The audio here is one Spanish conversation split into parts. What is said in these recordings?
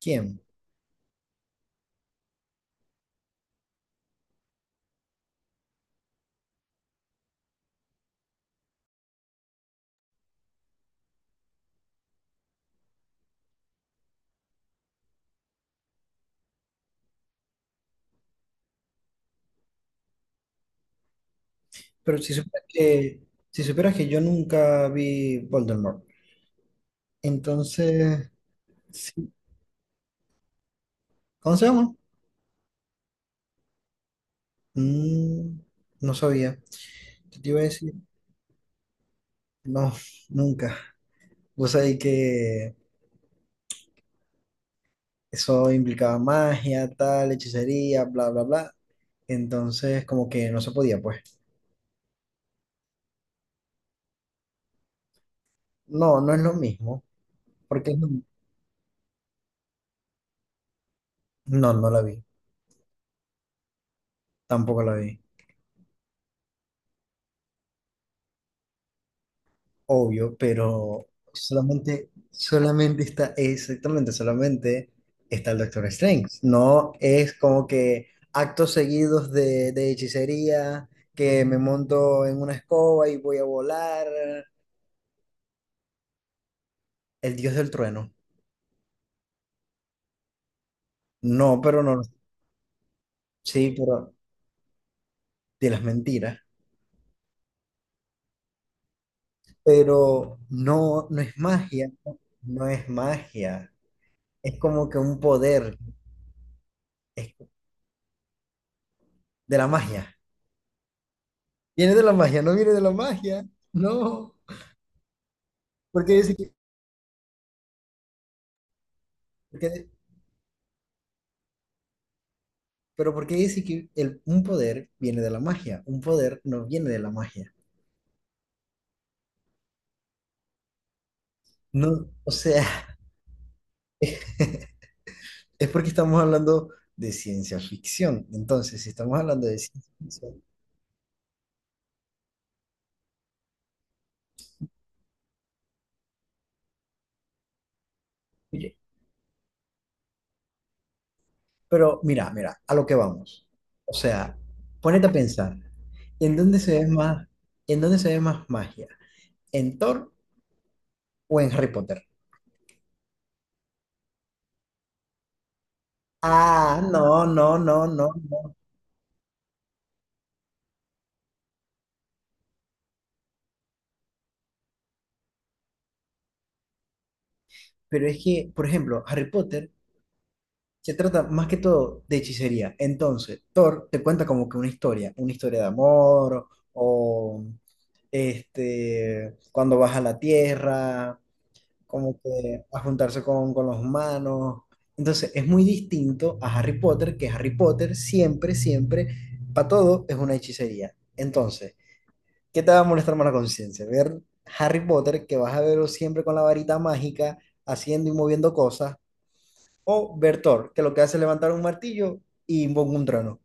¿Quién? Pero si supieras que, si supieras que yo nunca vi Voldemort. Entonces, sí. ¿Cómo se llama? Mm, no sabía. ¿Qué te iba a decir? No, nunca. Vos sabés que eso implicaba magia, tal, hechicería, bla, bla, bla. Entonces, como que no se podía, pues. No, no es lo mismo. Porque no, no, no la vi. Tampoco la vi. Obvio, pero solamente, solamente está, exactamente, solamente está el Doctor Strange. No es como que actos seguidos de hechicería, que me monto en una escoba y voy a volar, el dios del trueno. No, pero no, sí, pero de las mentiras. Pero no, no es magia, no es magia. Es como que un poder, es de la magia. Viene de la magia, no viene de la magia, no. Porque dice Porque- pero porque dice que un poder viene de la magia? Un poder no viene de la magia. No, o sea, es porque estamos hablando de ciencia ficción. Entonces, si estamos hablando de ciencia ficción, oye, pero mira, a lo que vamos. O sea, ponete a pensar, ¿en dónde se ve más, en dónde se ve más magia? ¿En Thor o en Harry Potter? Ah, no. Pero es que, por ejemplo, Harry Potter se trata más que todo de hechicería. Entonces, Thor te cuenta como que una historia de amor, o cuando baja a la tierra, como que a juntarse con los humanos. Entonces, es muy distinto a Harry Potter, que Harry Potter siempre, siempre, para todo es una hechicería. Entonces, ¿qué te va a molestar más la conciencia? Ver Harry Potter, que vas a verlo siempre con la varita mágica, haciendo y moviendo cosas, o Bertor, que lo que hace es levantar un martillo y invoca un trono.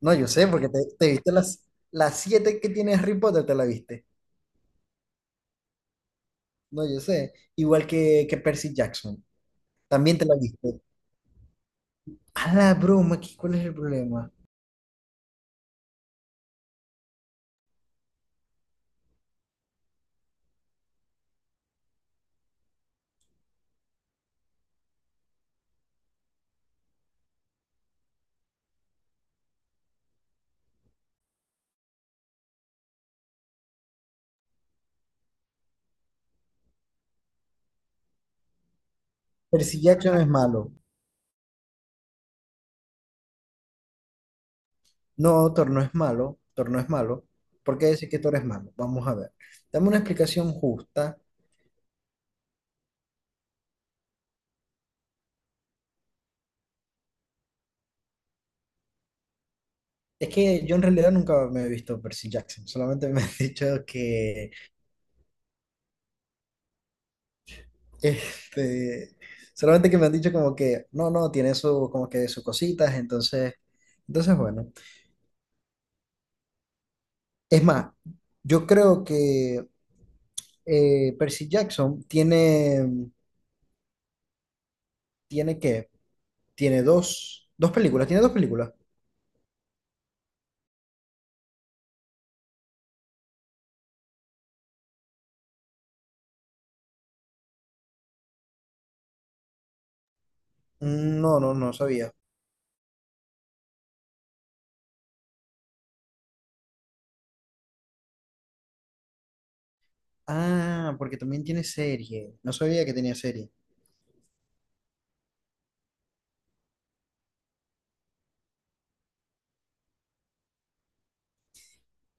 No, yo sé, porque te viste las siete que tiene Harry Potter, te la viste. No, yo sé. Igual que Percy Jackson, también te la viste. A la broma, ¿cuál es el problema? Percy Jackson es malo. No, Thor no es malo. Thor no es malo. ¿Por qué decir que Thor es malo? Vamos a ver. Dame una explicación justa. Es que yo en realidad nunca me he visto Percy Jackson, solamente me han dicho que Este, solamente que me han dicho como que, no, no, tiene su, como que sus cositas, entonces bueno. Es más, yo creo que Percy Jackson tiene, tiene qué, tiene dos, dos películas, tiene dos películas. No, no, no sabía. Ah, porque también tiene serie. No sabía que tenía serie.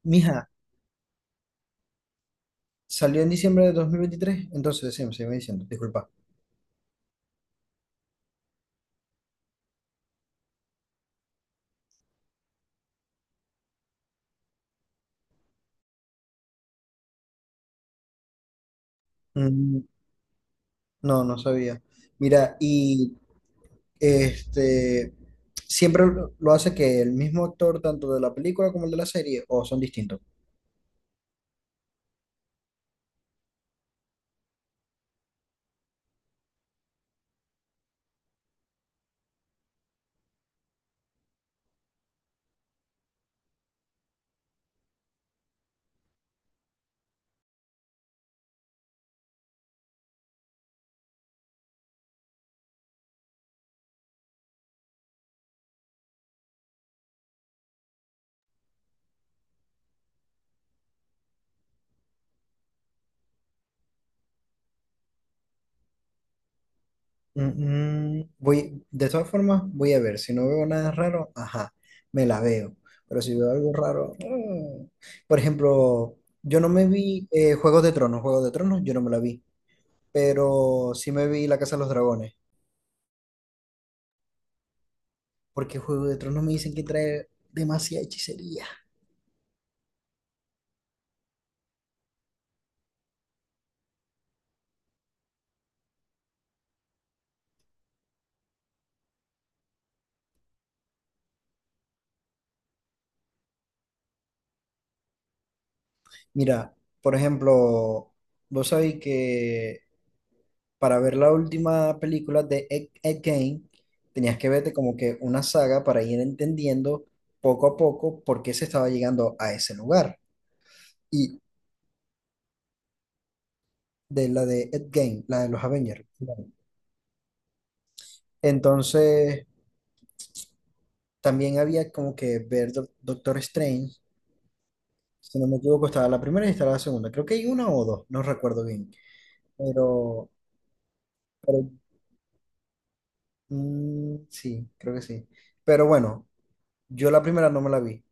Mija, salió en diciembre de 2023, entonces sí, me sigue diciendo, disculpa. Mm, No, no sabía. Mira, y Este, siempre lo hace que el mismo actor, tanto de la película como el de la serie, o son distintos. Mm, mm, voy, de todas formas, voy a ver. Si no veo nada raro, ajá, me la veo. Pero si veo algo raro, mm. Por ejemplo, yo no me vi Juegos de Tronos. Juegos de Tronos, yo no me la vi. Pero sí me vi La Casa de los Dragones. Porque Juegos de Tronos me dicen que trae demasiada hechicería. Mira, por ejemplo, vos sabéis que para ver la última película de Ed Gein, tenías que verte como que una saga para ir entendiendo poco a poco por qué se estaba llegando a ese lugar. Y de la de Ed Gein, la de los Avengers. Entonces, también había como que ver Doctor Strange, si no me equivoco, estaba la primera y estaba la segunda. Creo que hay una o dos, no recuerdo bien. Pero mm, sí, creo que sí. Pero bueno, yo la primera no me la vi.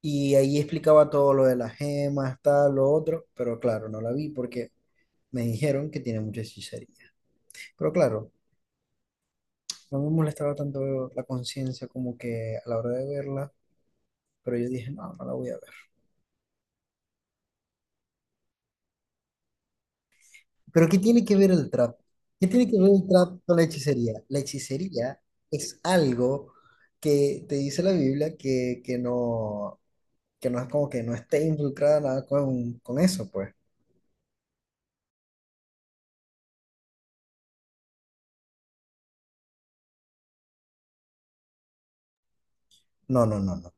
Y ahí explicaba todo lo de las gemas, tal, lo otro, pero claro, no la vi porque me dijeron que tiene mucha hechicería. Pero claro, no me molestaba tanto la conciencia como que a la hora de verla, pero yo dije, no, no la voy a ver. Pero ¿qué tiene que ver el trap? ¿Qué tiene que ver el trap con la hechicería? La hechicería es algo que te dice la Biblia que no es como que no esté involucrada nada con eso, pues. No, no, no, no.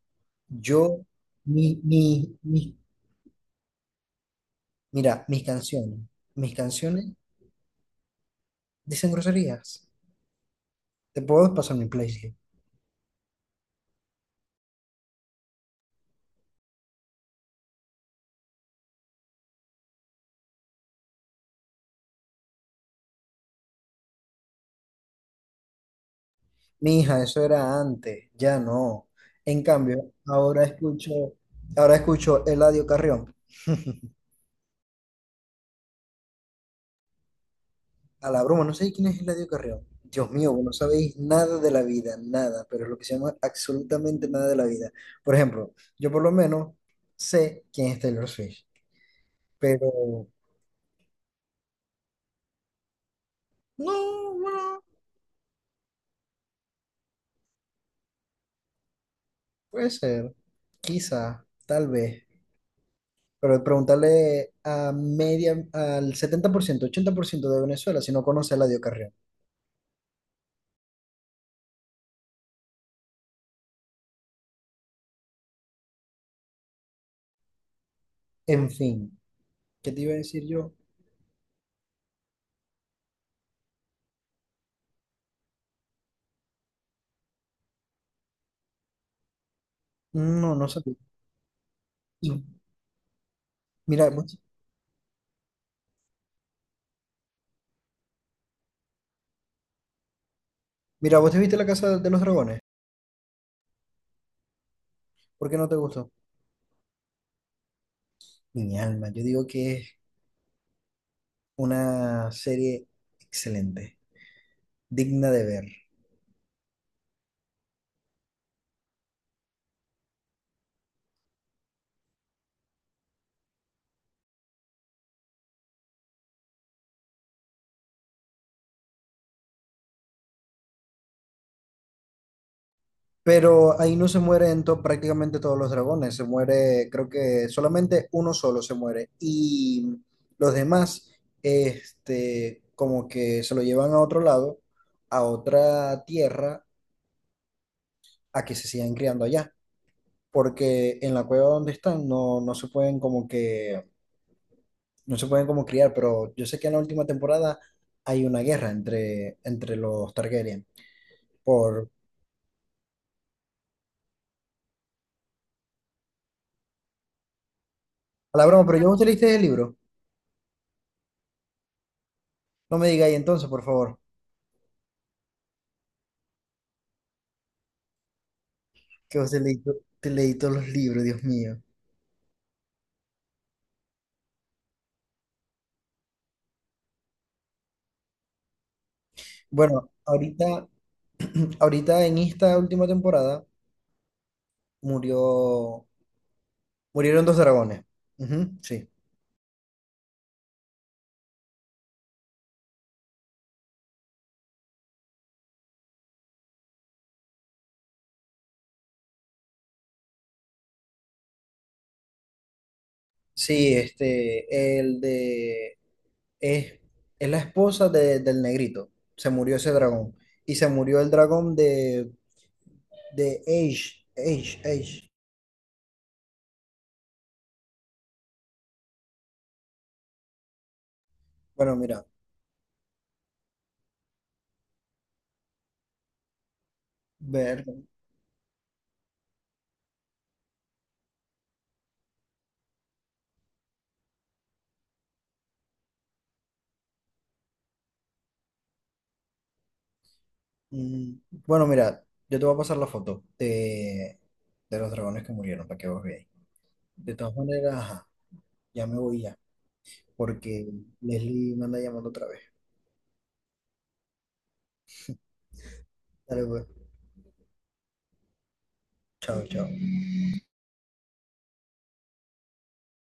Yo, mis Mira, mis canciones, mis canciones dicen groserías. Te puedo pasar mi playlist. Mija, eso era antes, ya no. En cambio, ahora escucho Eladio Carrión. A la broma, no sé quién es Eladio Carrión. Dios mío, vos no sabéis nada de la vida, nada, pero es lo que se llama absolutamente nada de la vida. Por ejemplo, yo por lo menos sé quién es Taylor Swift, pero no, bueno, puede ser, quizá, tal vez. Pero preguntarle a media, al setenta por ciento ochenta por ciento de Venezuela si no conoce a Eladio Carrión. En fin, ¿qué te iba a decir yo? No, no sabía. Y mira, mira, ¿vos te viste La Casa de los Dragones? ¿Por qué no te gustó? Mi alma, yo digo que es una serie excelente, digna de ver. Pero ahí no se mueren prácticamente todos los dragones, se muere, creo que solamente uno solo se muere. Y los demás, este, como que se lo llevan a otro lado, a otra tierra, a que se sigan criando allá. Porque en la cueva donde están no, no se pueden como que, no se pueden como criar, pero yo sé que en la última temporada hay una guerra entre los Targaryen. Por a la broma, pero yo no te leíste el libro. No me digáis entonces, por favor. Que vos te te leí todos los libros, Dios mío. Bueno, ahorita, ahorita en esta última temporada murió, murieron dos dragones. Ujú, sí. Sí, este, el de, es, es la esposa del negrito. Se murió ese dragón. Y se murió el dragón de Age. Bueno, mira, ver, mm, bueno, mira, yo te voy a pasar la foto de los dragones que murieron para que vos veáis. De todas maneras, ajá, ya me voy ya, porque Leslie me anda llamando otra vez. Dale, pues. Chao, chao.